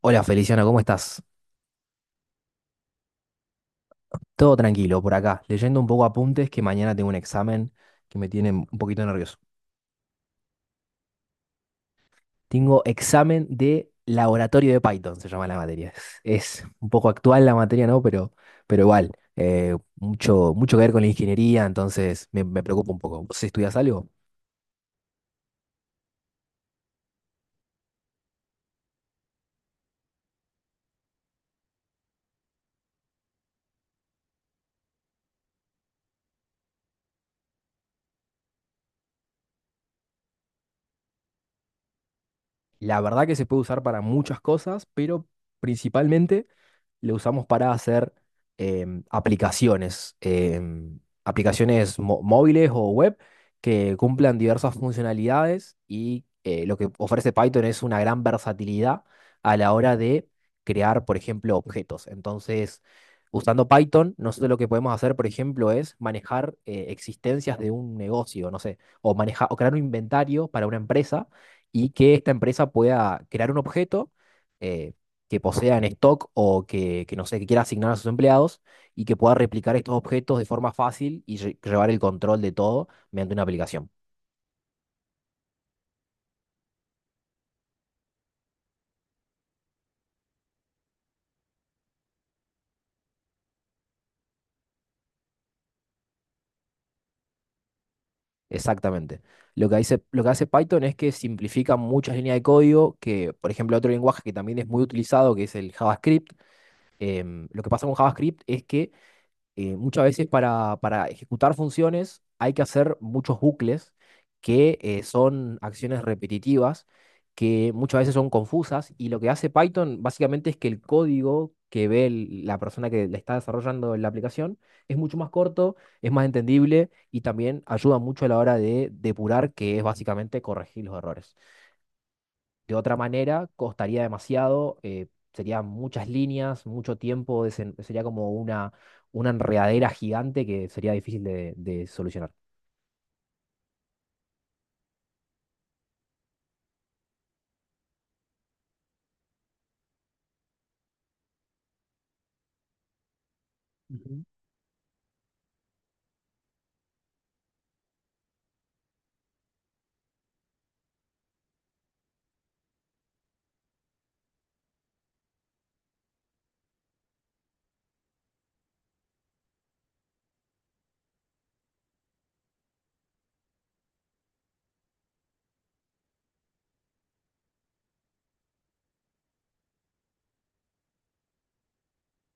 Hola Feliciano, ¿cómo estás? Todo tranquilo por acá, leyendo un poco apuntes que mañana tengo un examen que me tiene un poquito nervioso. Tengo examen de laboratorio de Python, se llama la materia. Es un poco actual la materia, ¿no? Pero igual, mucho, mucho que ver con la ingeniería, entonces me preocupa un poco. ¿Vos estudias algo? La verdad que se puede usar para muchas cosas, pero principalmente lo usamos para hacer aplicaciones móviles o web que cumplan diversas funcionalidades y lo que ofrece Python es una gran versatilidad a la hora de crear, por ejemplo, objetos. Entonces, usando Python, nosotros lo que podemos hacer, por ejemplo, es manejar existencias de un negocio, no sé, o manejar o crear un inventario para una empresa y que esta empresa pueda crear un objeto eh, que posea en stock o que, no sé, que quiera asignar a sus empleados y que pueda replicar estos objetos de forma fácil y llevar el control de todo mediante una aplicación. Exactamente. Lo que hace Python es que simplifica muchas líneas de código que, por ejemplo, otro lenguaje que también es muy utilizado, que es el JavaScript. Lo que pasa con JavaScript es que muchas veces para ejecutar funciones hay que hacer muchos bucles que son acciones repetitivas, que muchas veces son confusas, y lo que hace Python básicamente es que el código que ve la persona que le está desarrollando la aplicación es mucho más corto, es más entendible y también ayuda mucho a la hora de depurar, que es básicamente corregir los errores. De otra manera, costaría demasiado, serían muchas líneas, mucho tiempo, sería como una enredadera gigante que sería difícil de solucionar. Ujú.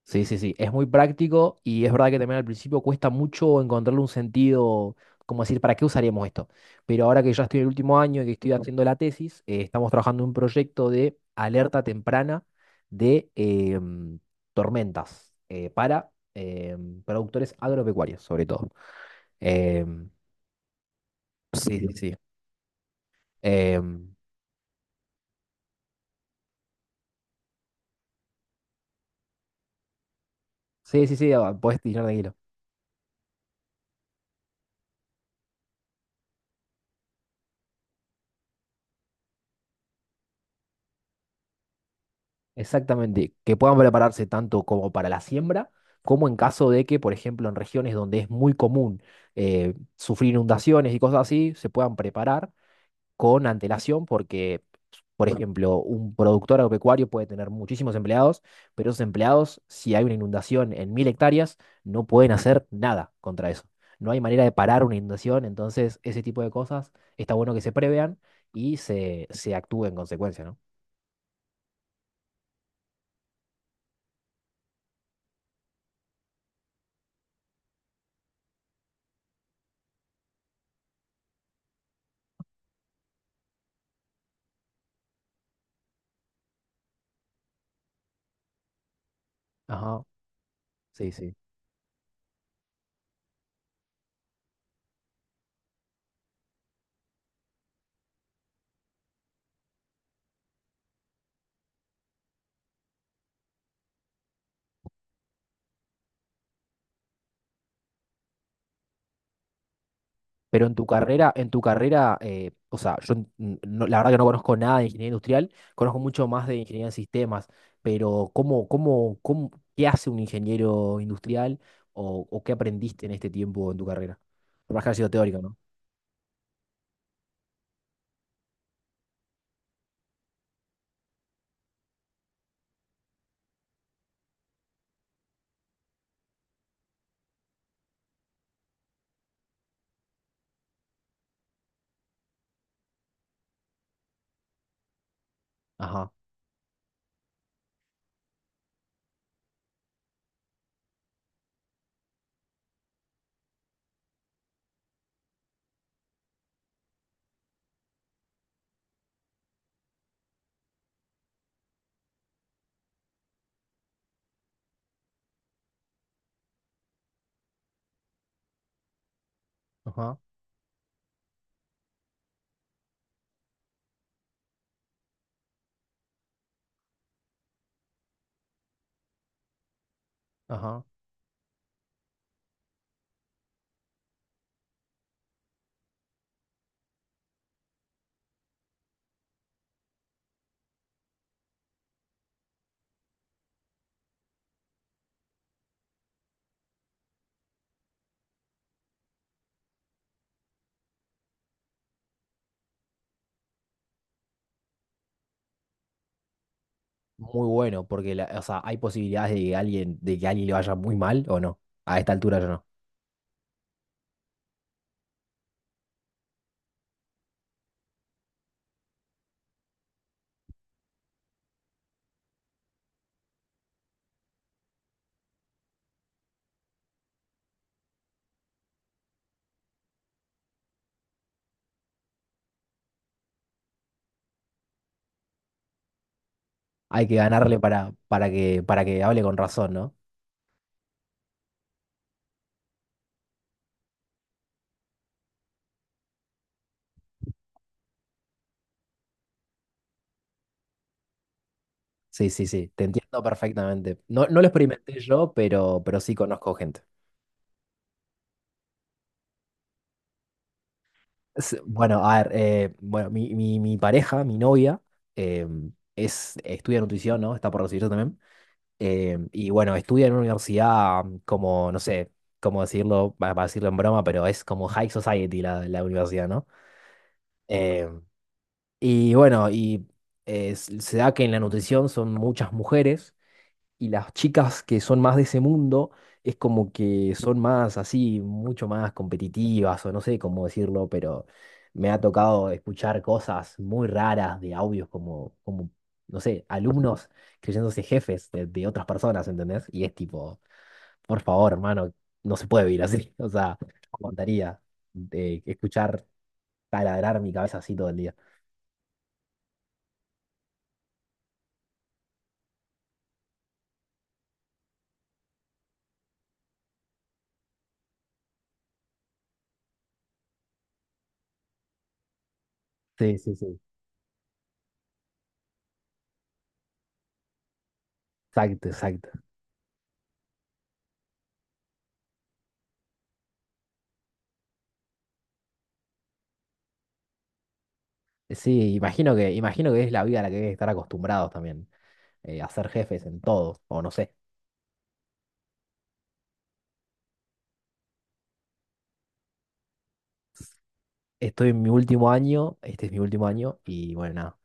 Sí, sí, sí, es muy práctico y es verdad que también al principio cuesta mucho encontrarle un sentido, como decir, ¿para qué usaríamos esto? Pero ahora que ya estoy en el último año y que estoy haciendo la tesis, estamos trabajando en un proyecto de alerta temprana de tormentas para productores agropecuarios, sobre todo. Em, sí, sí, sí. Em, sí, sí, sí, ah, podés tirar tranquilo. Exactamente. Que puedan prepararse tanto como para la siembra, como en caso de que, por ejemplo, en regiones donde es muy común sufrir inundaciones y cosas así, se puedan preparar con antelación porque, por ejemplo, un productor agropecuario puede tener muchísimos empleados, pero esos empleados, si hay una inundación en 1.000 hectáreas, no pueden hacer nada contra eso. No hay manera de parar una inundación, entonces ese tipo de cosas está bueno que se prevean y se actúe en consecuencia, ¿no? Ajá, sí, sí. Pero en tu carrera, o sea, yo n- no- la verdad que no conozco nada de ingeniería industrial, conozco mucho más de ingeniería en sistemas, pero ¿cómo, qué hace un ingeniero industrial o qué aprendiste en este tiempo en tu carrera? Por más que haya sido teórico, ¿no? Ajá, ajá, ajá. Muy bueno, porque o sea, hay posibilidades de que alguien, de que a alguien le vaya muy mal o no. A esta altura ya no. Hay que ganarle para que hable con razón, ¿no? Sí, sí, sí, te entiendo perfectamente. No lo experimenté yo, pero, sí conozco gente. Bueno, a ver, bueno, mi pareja, mi novia, eh, estudia nutrición, ¿no? Está por recibirse también. Y bueno, estudia en una universidad como, no sé, cómo decirlo, para decirlo en broma, pero es como high society la universidad, ¿no? Eh, y bueno, y se da que en la nutrición son muchas mujeres y las chicas que son más de ese mundo es como que son más así, mucho más competitivas o no sé cómo decirlo, pero me ha tocado escuchar cosas muy raras de audios como no sé, alumnos creyéndose jefes de otras personas, ¿entendés? Y es tipo, por favor, hermano, no se puede vivir así. O sea, no aguantaría de escuchar taladrar mi cabeza así todo el día. Sí, sí, sí. Exacto, exacto. Sí, imagino que es la vida a la que hay que estar acostumbrados también. A ser jefes en todos, o no sé. Estoy en mi último año, este es mi último año, y bueno, nada,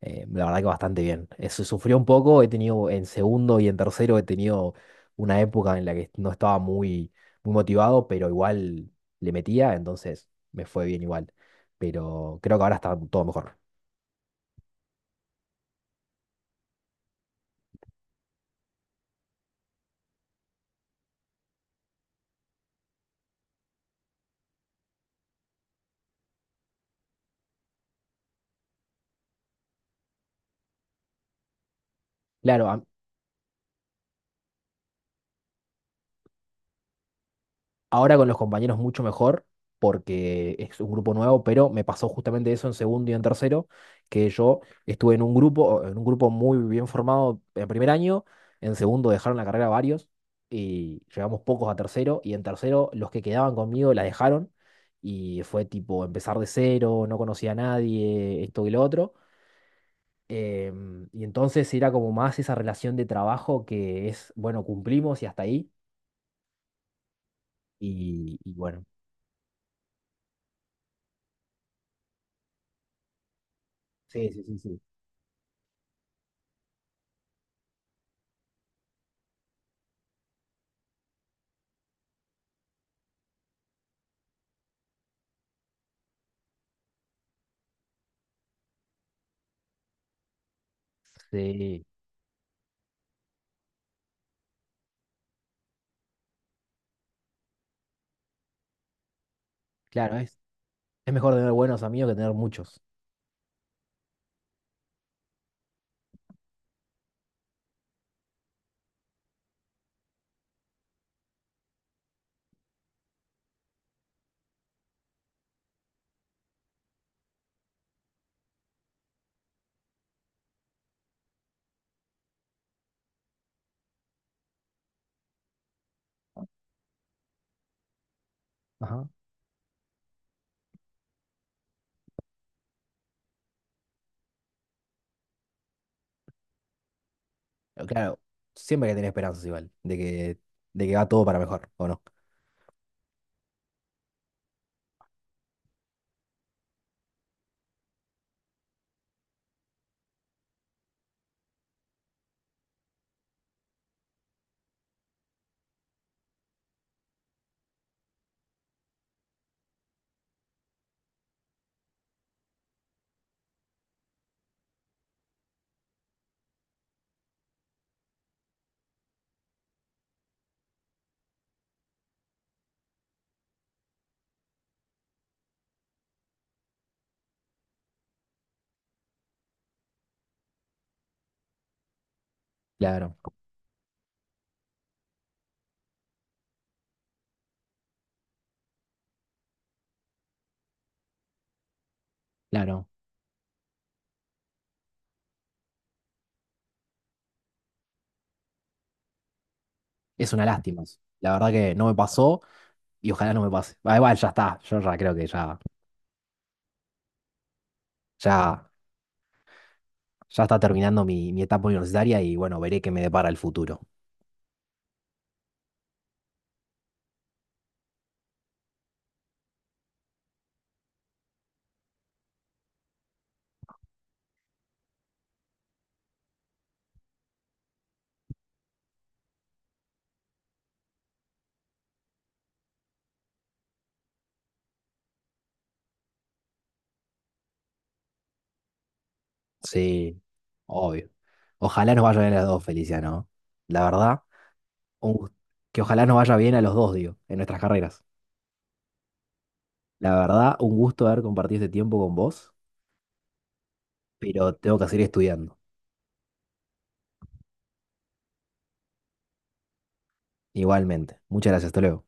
la verdad que bastante bien. Eso sufrió un poco, he tenido en segundo y en tercero, he tenido una época en la que no estaba muy, muy motivado, pero igual le metía, entonces me fue bien igual. Pero creo que ahora está todo mejor. Claro, ahora con los compañeros mucho mejor, porque es un grupo nuevo, pero me pasó justamente eso en segundo y en tercero, que yo estuve en un grupo muy bien formado en primer año, en segundo dejaron la carrera varios y llegamos pocos a tercero, y en tercero los que quedaban conmigo la dejaron y fue tipo empezar de cero, no conocía a nadie, esto y lo otro. Y entonces era como más esa relación de trabajo que es, bueno, cumplimos y hasta ahí. Y bueno. Sí, sí, sí, sí. Sí, claro, es mejor tener buenos amigos que tener muchos. Ajá. Pero claro, siempre hay que tener esperanzas igual, de que va todo para mejor, ¿o no? Claro, claro. Es una lástima, eso. La verdad que no me pasó y ojalá no me pase. Ah, igual ya está, yo ya creo que ya, ya está terminando mi etapa universitaria y bueno, veré qué me depara el futuro. Sí, obvio. Ojalá nos vaya bien a los dos, Felicia, ¿no? La verdad, un gust- que ojalá nos vaya bien a los dos, digo, en nuestras carreras. La verdad, un gusto haber compartido este tiempo con vos, pero tengo que seguir estudiando. Igualmente. Muchas gracias, hasta luego.